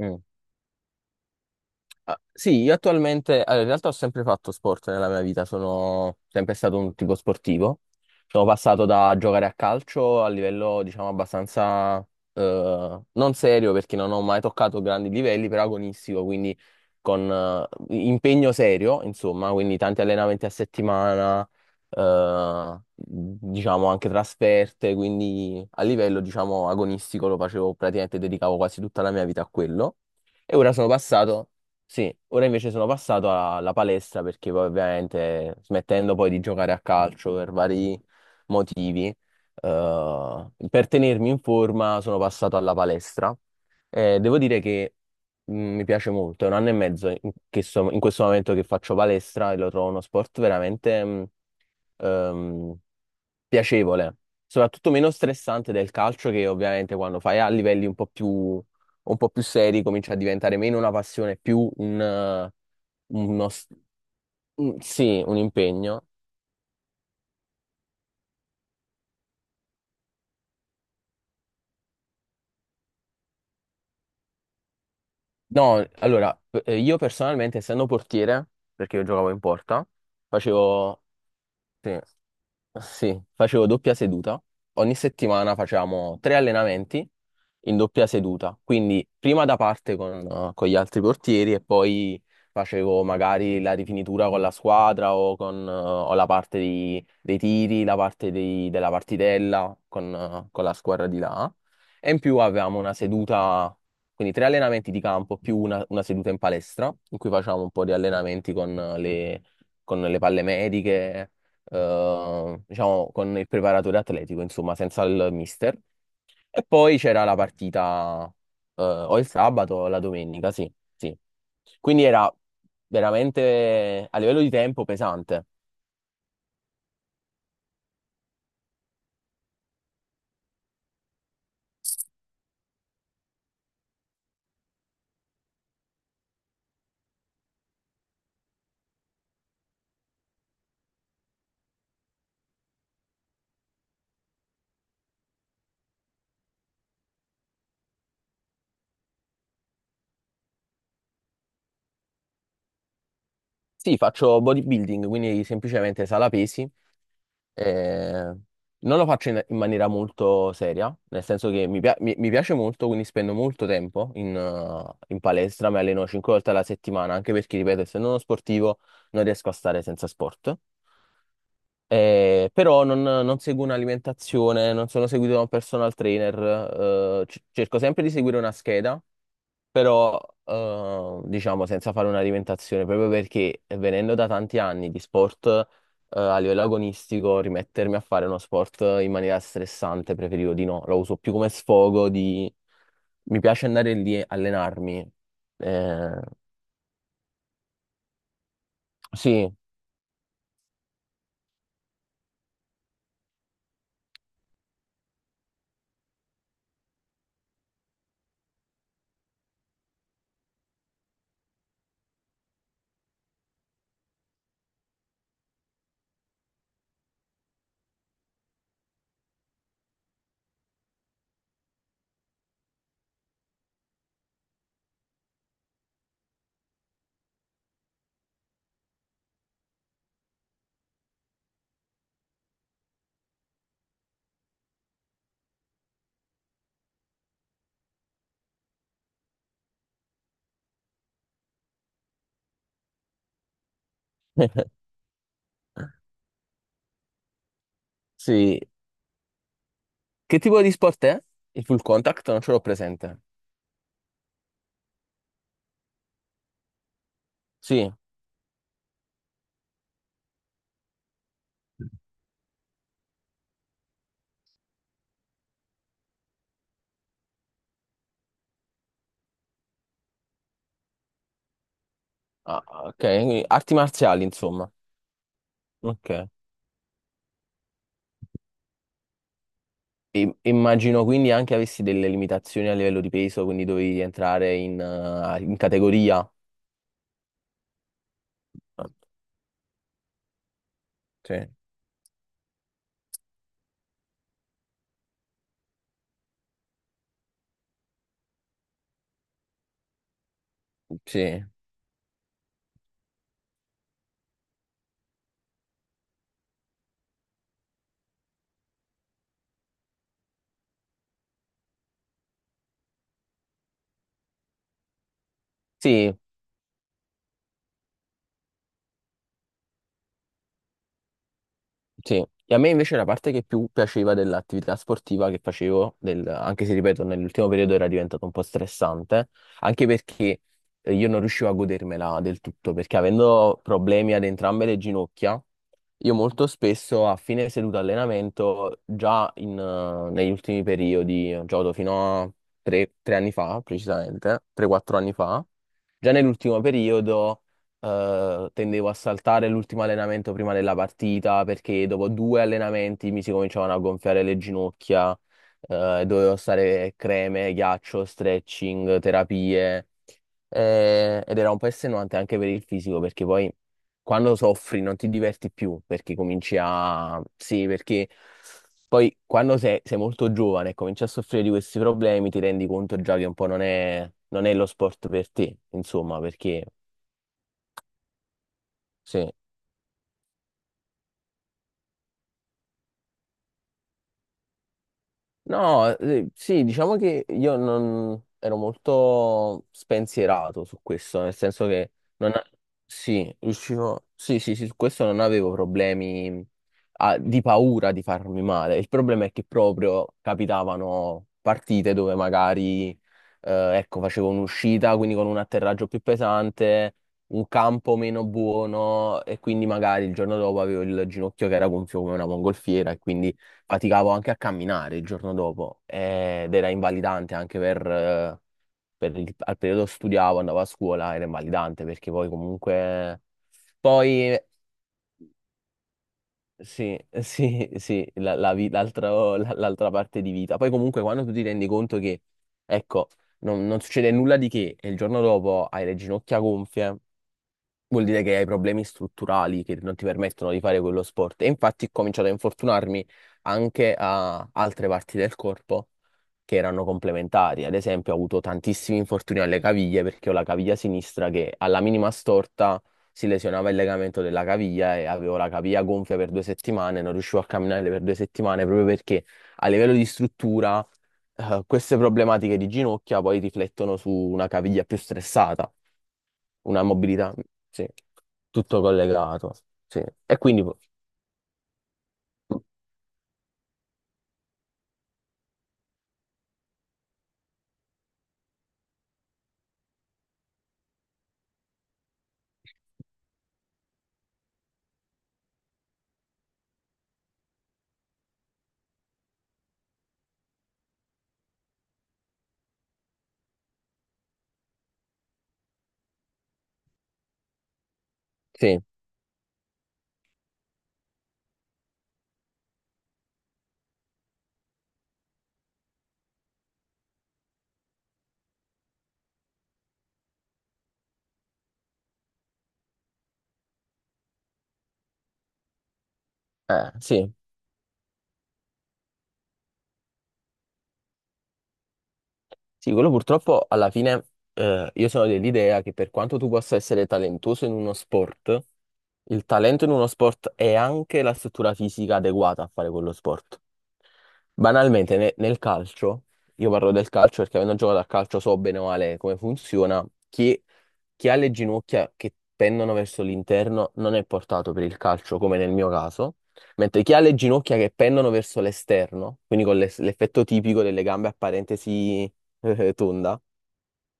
Mm. Ah, sì, io attualmente, allora, in realtà ho sempre fatto sport nella mia vita, sono sempre stato un tipo sportivo. Sono passato da giocare a calcio a livello, diciamo, abbastanza non serio perché non ho mai toccato grandi livelli, però agonistico, quindi con impegno serio, insomma, quindi tanti allenamenti a settimana, diciamo anche trasferte, quindi a livello, diciamo, agonistico lo facevo praticamente, dedicavo quasi tutta la mia vita a quello. E ora sono passato Sì, ora invece sono passato alla palestra perché poi ovviamente smettendo poi di giocare a calcio per vari motivi, per tenermi in forma sono passato alla palestra. Devo dire che mi piace molto, è un anno e mezzo in questo momento che faccio palestra e lo trovo uno sport veramente ehm, piacevole, soprattutto meno stressante del calcio che ovviamente quando fai a livelli un po' più seri comincia a diventare meno una passione, più un, uno s- un- sì, un impegno. No, allora, io personalmente essendo portiere, perché io giocavo in porta, facevo, sì. Sì, facevo doppia seduta. Ogni settimana facevamo 3 allenamenti in doppia seduta. Quindi prima da parte con gli altri portieri e poi facevo magari la rifinitura con la squadra o con o la parte dei tiri, la parte della partitella con la squadra di là. E in più avevamo una seduta, quindi 3 allenamenti di campo più una seduta in palestra in cui facevamo un po' di allenamenti con le palle mediche diciamo, con il preparatore atletico, insomma, senza il mister. E poi c'era la partita, o il sabato o la domenica, sì, sì. Quindi era veramente a livello di tempo pesante. Sì, faccio bodybuilding, quindi semplicemente sala pesi. Eh, Non lo faccio in maniera molto seria, nel senso che mi piace molto, quindi spendo molto tempo in palestra, mi alleno 5 volte alla settimana, anche perché, ripeto, essendo uno sportivo non riesco a stare senza sport. Però non seguo un'alimentazione, non sono seguito da un personal trainer, cerco sempre di seguire una scheda però diciamo senza fare una diventazione, proprio perché venendo da tanti anni di sport a livello agonistico, rimettermi a fare uno sport in maniera stressante preferivo di no, lo uso più come sfogo di... Mi piace andare lì e allenarmi. Eh, sì, sì. Che tipo di sport è? Il full contact? Non ce l'ho presente. Sì, ah, ah, ok, quindi arti marziali, insomma. Ok. Immagino quindi anche avessi delle limitazioni a livello di peso, quindi dovevi entrare in categoria. Sì, sì. Sì, sì, e a me invece la parte che più piaceva dell'attività sportiva che facevo, anche se ripeto, nell'ultimo periodo era diventato un po' stressante, anche perché io non riuscivo a godermela del tutto, perché avendo problemi ad entrambe le ginocchia, io molto spesso a fine seduta allenamento, già negli ultimi periodi, gioco fino a tre anni fa, precisamente, 3-4 anni fa, già nell'ultimo periodo tendevo a saltare l'ultimo allenamento prima della partita perché dopo 2 allenamenti mi si cominciavano a gonfiare le ginocchia, dovevo stare creme, ghiaccio, stretching, terapie, ed era un po' estenuante anche per il fisico perché poi quando soffri non ti diverti più perché cominci a... Sì, perché poi quando sei molto giovane e cominci a soffrire di questi problemi ti rendi conto già che un po' non è lo sport per te, insomma, perché... Sì. No, sì, diciamo che io non ero molto spensierato su questo, nel senso che non, sì, riuscivo, sì, sì, sì, su questo non avevo problemi ah, di paura di farmi male. Il problema è che proprio capitavano partite dove magari, ecco, facevo un'uscita, quindi con un atterraggio più pesante, un campo meno buono e quindi magari il giorno dopo avevo il ginocchio che era gonfio come una mongolfiera e quindi faticavo anche a camminare il giorno dopo ed era invalidante anche per al periodo studiavo, andavo a scuola, era invalidante perché poi comunque poi sì, sì, sì, la- la vi- l'altro- la- l'altra parte di vita. Poi comunque quando tu ti rendi conto che ecco, non succede nulla di che e il giorno dopo hai le ginocchia gonfie, vuol dire che hai problemi strutturali che non ti permettono di fare quello sport. E infatti ho cominciato a infortunarmi anche a altre parti del corpo che erano complementari. Ad esempio, ho avuto tantissimi infortuni alle caviglie perché ho la caviglia sinistra che alla minima storta si lesionava il legamento della caviglia e avevo la caviglia gonfia per 2 settimane, non riuscivo a camminare per 2 settimane proprio perché a livello di struttura, queste problematiche di ginocchia poi riflettono su una caviglia più stressata, una mobilità, sì, tutto collegato, sì. E quindi, sì, sì. Sì, quello purtroppo alla fine io sono dell'idea che per quanto tu possa essere talentuoso in uno sport, il talento in uno sport è anche la struttura fisica adeguata a fare quello sport. Banalmente, nel calcio, io parlo del calcio perché avendo giocato a calcio so bene o male come funziona, chi, chi ha le ginocchia che pendono verso l'interno non è portato per il calcio, come nel mio caso, mentre chi ha le ginocchia che pendono verso l'esterno, quindi con l'effetto tipico delle gambe a parentesi Tunda.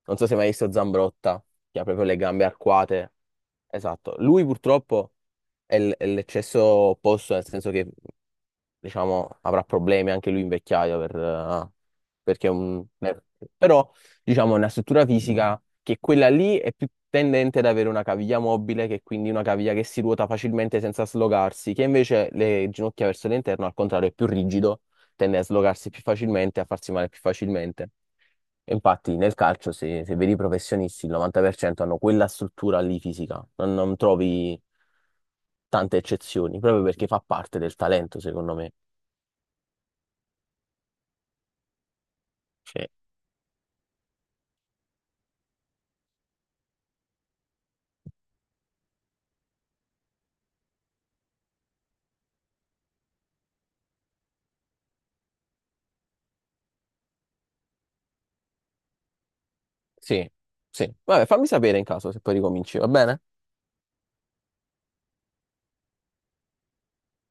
Non so se hai mai visto Zambrotta, che ha proprio le gambe arcuate. Esatto. Lui purtroppo è l'eccesso opposto, nel senso che, diciamo, avrà problemi anche lui in vecchiaia perché è un... Però, diciamo, è una struttura fisica che quella lì è più tendente ad avere una caviglia mobile, che è quindi una caviglia che si ruota facilmente senza slogarsi, che invece le ginocchia verso l'interno, al contrario, è più rigido, tende a slogarsi più facilmente, a farsi male più facilmente. E infatti nel calcio se, se vedi i professionisti il 90% hanno quella struttura lì fisica, non trovi tante eccezioni, proprio perché fa parte del talento secondo me. Cioè, sì, sì. Vabbè, fammi sapere in caso se poi ricominci, va bene?